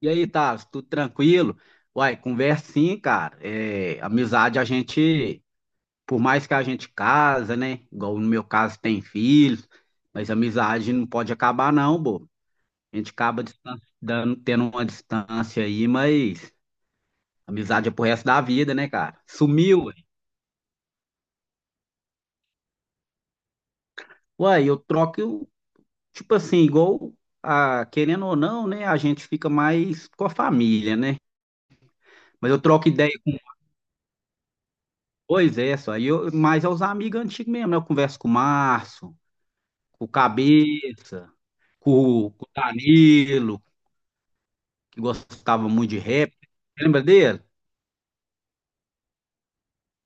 E aí, tá, tudo tranquilo? Uai, conversa sim, cara. É, amizade a gente, por mais que a gente casa, né? Igual no meu caso tem filhos, mas amizade não pode acabar não, pô. A gente acaba dando, tendo uma distância aí, mas amizade é pro resto da vida, né, cara? Sumiu, ué. Uai, eu troco, tipo assim, igual, a, querendo ou não, né? A gente fica mais com a família, né? Mas eu troco ideia. Pois é, só. E eu, mas é os amigos antigos mesmo, né? Eu converso com o Márcio, com o Cabeça, com, com o Danilo, que gostava muito de rap. Lembra dele?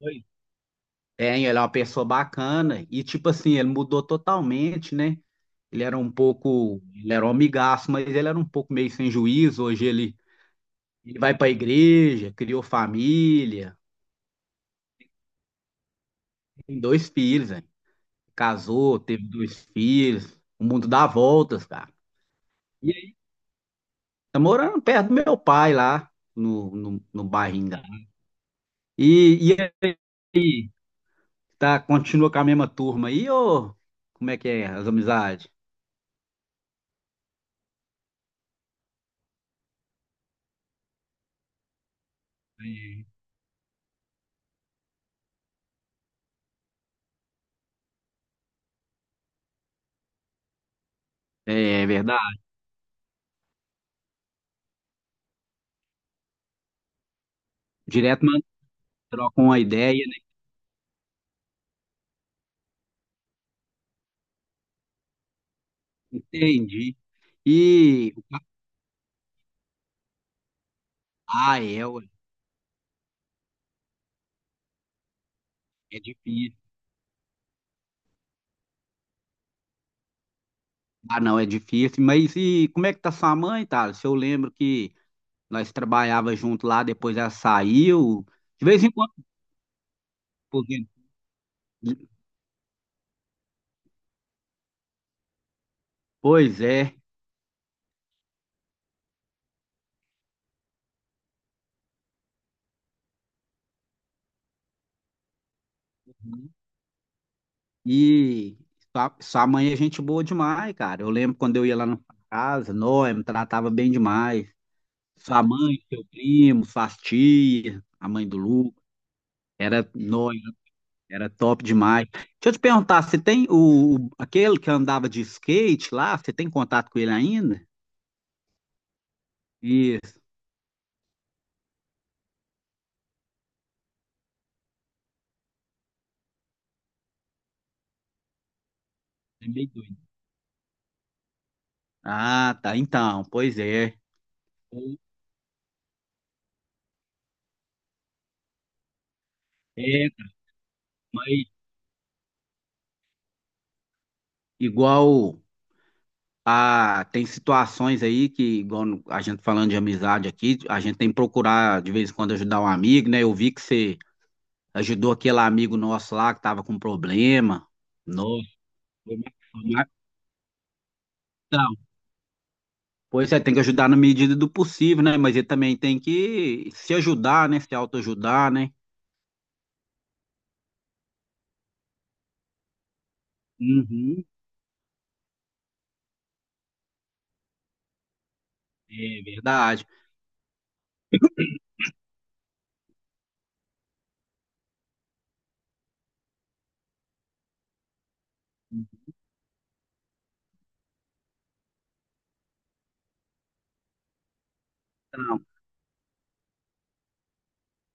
Oi. É, ele é uma pessoa bacana. E, tipo assim, ele mudou totalmente, né? Ele era um pouco. Ele era um amigaço, mas ele era um pouco meio sem juízo. Hoje ele, ele vai pra igreja, criou família, tem dois filhos, né? Casou, teve dois filhos. O mundo dá voltas, cara. Tá morando perto do meu pai lá, no bairro Ingá. E aí, tá, continua com a mesma turma aí, ou como é que é as amizades? É, é verdade. Direto, mano, troca uma ideia, né? Entendi. E, ah, é, ué, é difícil. Ah, não, é difícil. Mas e como é que tá sua mãe, tá? Se eu lembro que nós trabalhava junto lá, depois ela saiu. De vez em quando, por exemplo. Pois é. E sua mãe é gente boa demais, cara. Eu lembro quando eu ia lá na sua casa, Noé me tratava bem demais. Sua mãe, seu primo, sua tia, a mãe do Lu, era Noé, era top demais. Deixa eu te perguntar, você tem aquele que andava de skate lá, você tem contato com ele ainda? Isso, é meio doido. Ah, tá, então, pois é. É, mas igual. Ah, tem situações aí que, igual no- a gente falando de amizade aqui, a gente tem que procurar de vez em quando ajudar um amigo, né? Eu vi que você ajudou aquele amigo nosso lá que tava com problema. Nossa, foi uma foi uma- Então, pois é, tem que ajudar na medida do possível, né? Mas ele também tem que se ajudar, né? Se autoajudar, né? Uhum, é verdade. Então,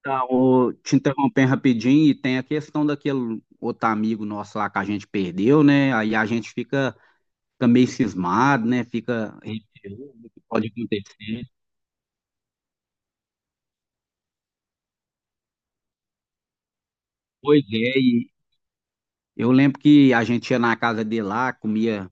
então, ô, te interrompendo rapidinho, e tem a questão daquele outro amigo nosso lá que a gente perdeu, né? Aí a gente fica meio cismado, né? Fica receoso do que pode acontecer. Pois é, e eu lembro que a gente ia na casa dele lá, comia,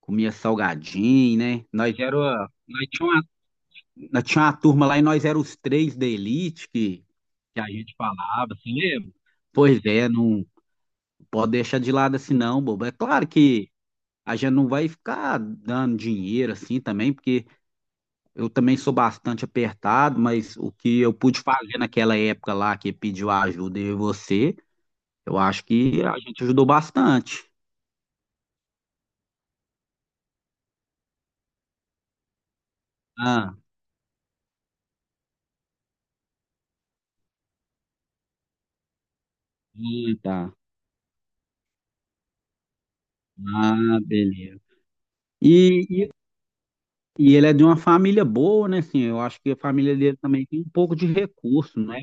comia salgadinho, né? Nós era, nós tinha uma, nós tinha uma turma lá e nós éramos os três da elite que a gente falava, assim, lembra? Pois é, não pode deixar de lado assim não, bobo. É claro que a gente não vai ficar dando dinheiro assim também, porque eu também sou bastante apertado, mas o que eu pude fazer naquela época lá que pediu ajuda e você, eu acho que a gente ajudou bastante. Ah, sim, tá. Ah, beleza. E, e, e ele é de uma família boa, né? Assim, eu acho que a família dele também tem um pouco de recurso, né?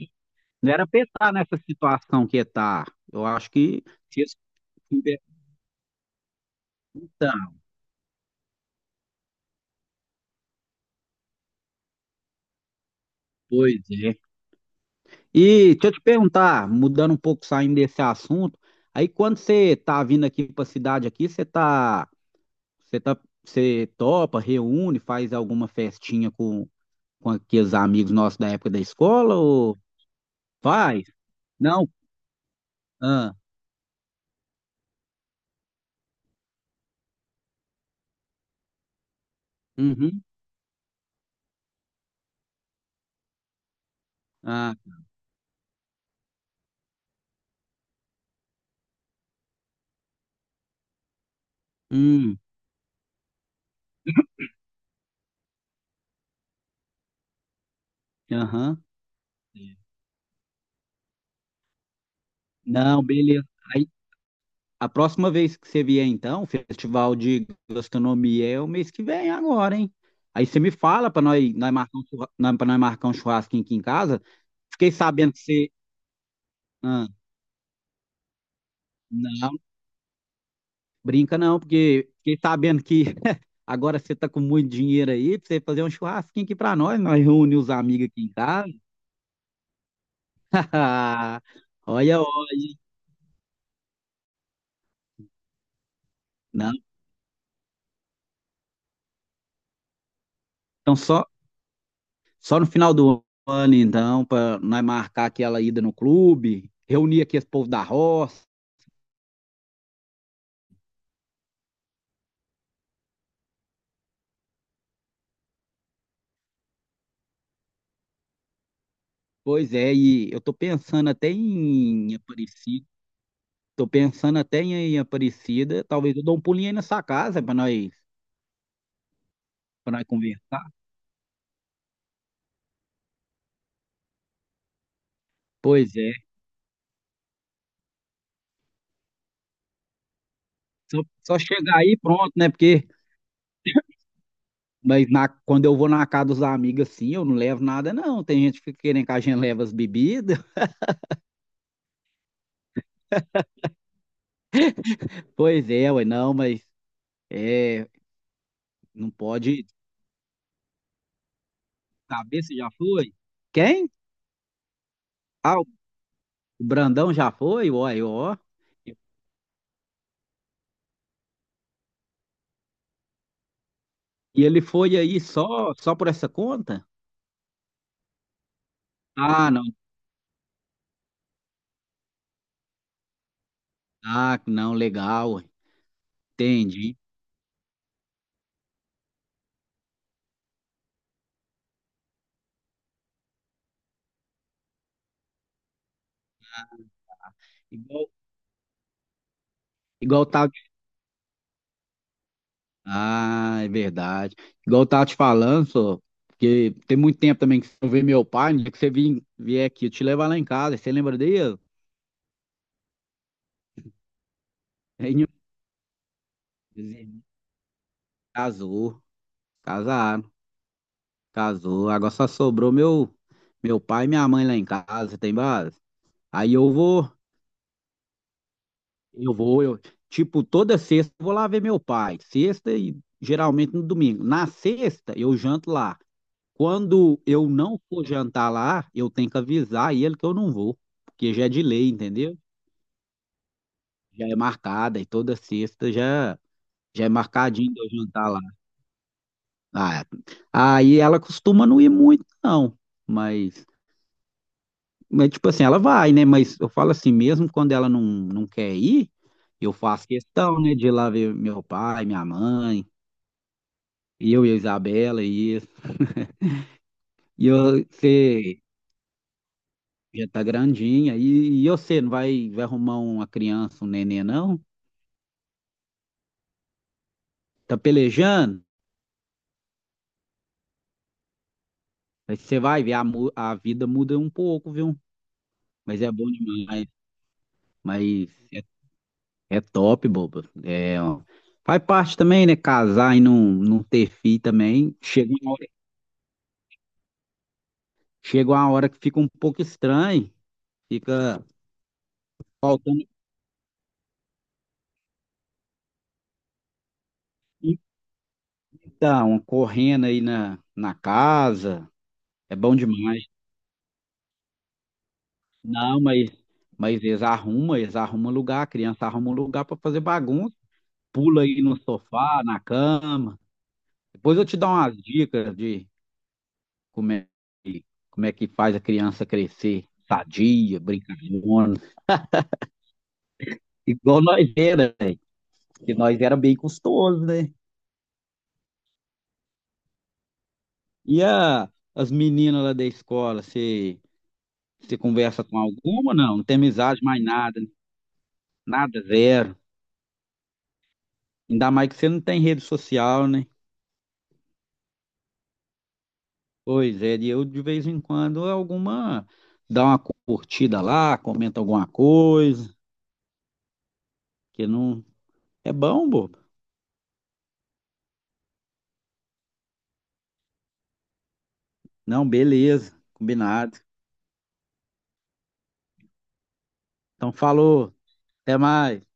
Não era pensar nessa situação que tá. Eu acho que se eles conversaram, pois é. E deixa eu te perguntar, mudando um pouco, saindo desse assunto, aí quando você tá vindo aqui pra cidade aqui, você tá, você topa, reúne, faz alguma festinha com aqueles amigos nossos da época da escola ou faz? Não? Ah, uhum, ah, hum, aham. Não, beleza. A próxima vez que você vier, então, o Festival de Gastronomia é o mês que vem agora, hein? Aí você me fala para nós, pra nós marcar um churrasquinho aqui em casa. Fiquei sabendo que você. Ah, não, brinca não, porque fiquei sabendo que agora você tá com muito dinheiro aí pra você fazer um churrasquinho aqui pra nós. Nós reunimos os amigos aqui em casa. Olha, olha. Não, então só, só no final do ano, então, para nós marcar aquela ida no clube, reunir aqui esse povo da roça. Pois é, e eu tô pensando até em Aparecida. Tô pensando até em em Aparecida. Talvez eu dou um pulinho aí na sua casa para nós conversar. Pois é. Só, só chegar aí e pronto, né? Porque quando eu vou na casa dos amigos assim, eu não levo nada não. Tem gente que fica querendo que a gente leve as bebidas. Pois é, ué, não, mas é, não pode saber se já foi. Quem? Ah, o Brandão já foi, uai, ó. E ele foi aí só por essa conta? Ah, não. Ah, não, legal, entendi. Igual, igual tá, ah, é verdade. Igual eu tava te falando, só, porque tem muito tempo também que você não vê meu pai, no que você vier aqui, eu te levar lá em casa, você lembra dele? Aí, Casou, casaram, casou. Agora só sobrou meu, meu pai e minha mãe lá em casa, tem base? Aí eu vou, tipo, toda sexta eu vou lá ver meu pai, sexta e geralmente no domingo. Na sexta eu janto lá. Quando eu não for jantar lá, eu tenho que avisar ele que eu não vou, porque já é de lei, entendeu? Já é marcada e toda sexta já, já é marcadinho de eu jantar lá. Ah, aí ela costuma não ir muito, não, mas, mas tipo assim, ela vai, né? Mas eu falo assim, mesmo quando ela não quer ir, eu faço questão, né, de ir lá ver meu pai, minha mãe, eu e a Isabela e isso. E eu, você, já tá grandinha. E você não vai, vai arrumar uma criança, um neném, não? Tá pelejando? Aí você vai ver, a vida muda um pouco, viu? Mas é bom demais. Mas é, é top, boba. É, ó. Faz parte também, né? Casar e não ter filho também. Chega uma hora que fica um pouco estranho. Fica faltando então, correndo aí na, na casa. É bom demais. Não, mas eles arrumam lugar, a criança arruma um lugar para fazer bagunça, pula aí no sofá, na cama. Depois eu te dou umas dicas de como é, que- como é que faz a criança crescer sadia, brincalhona, igual nós era, velho, porque nós era bem custoso, né? E a, as meninas lá da escola, você conversa com alguma? Não, não tem amizade mais nada, nada zero. Ainda mais que você não tem rede social, né? Pois é, e eu de vez em quando alguma dá uma curtida lá, comenta alguma coisa, que não é bom, bobo. Não, beleza, combinado. Então falou, até mais.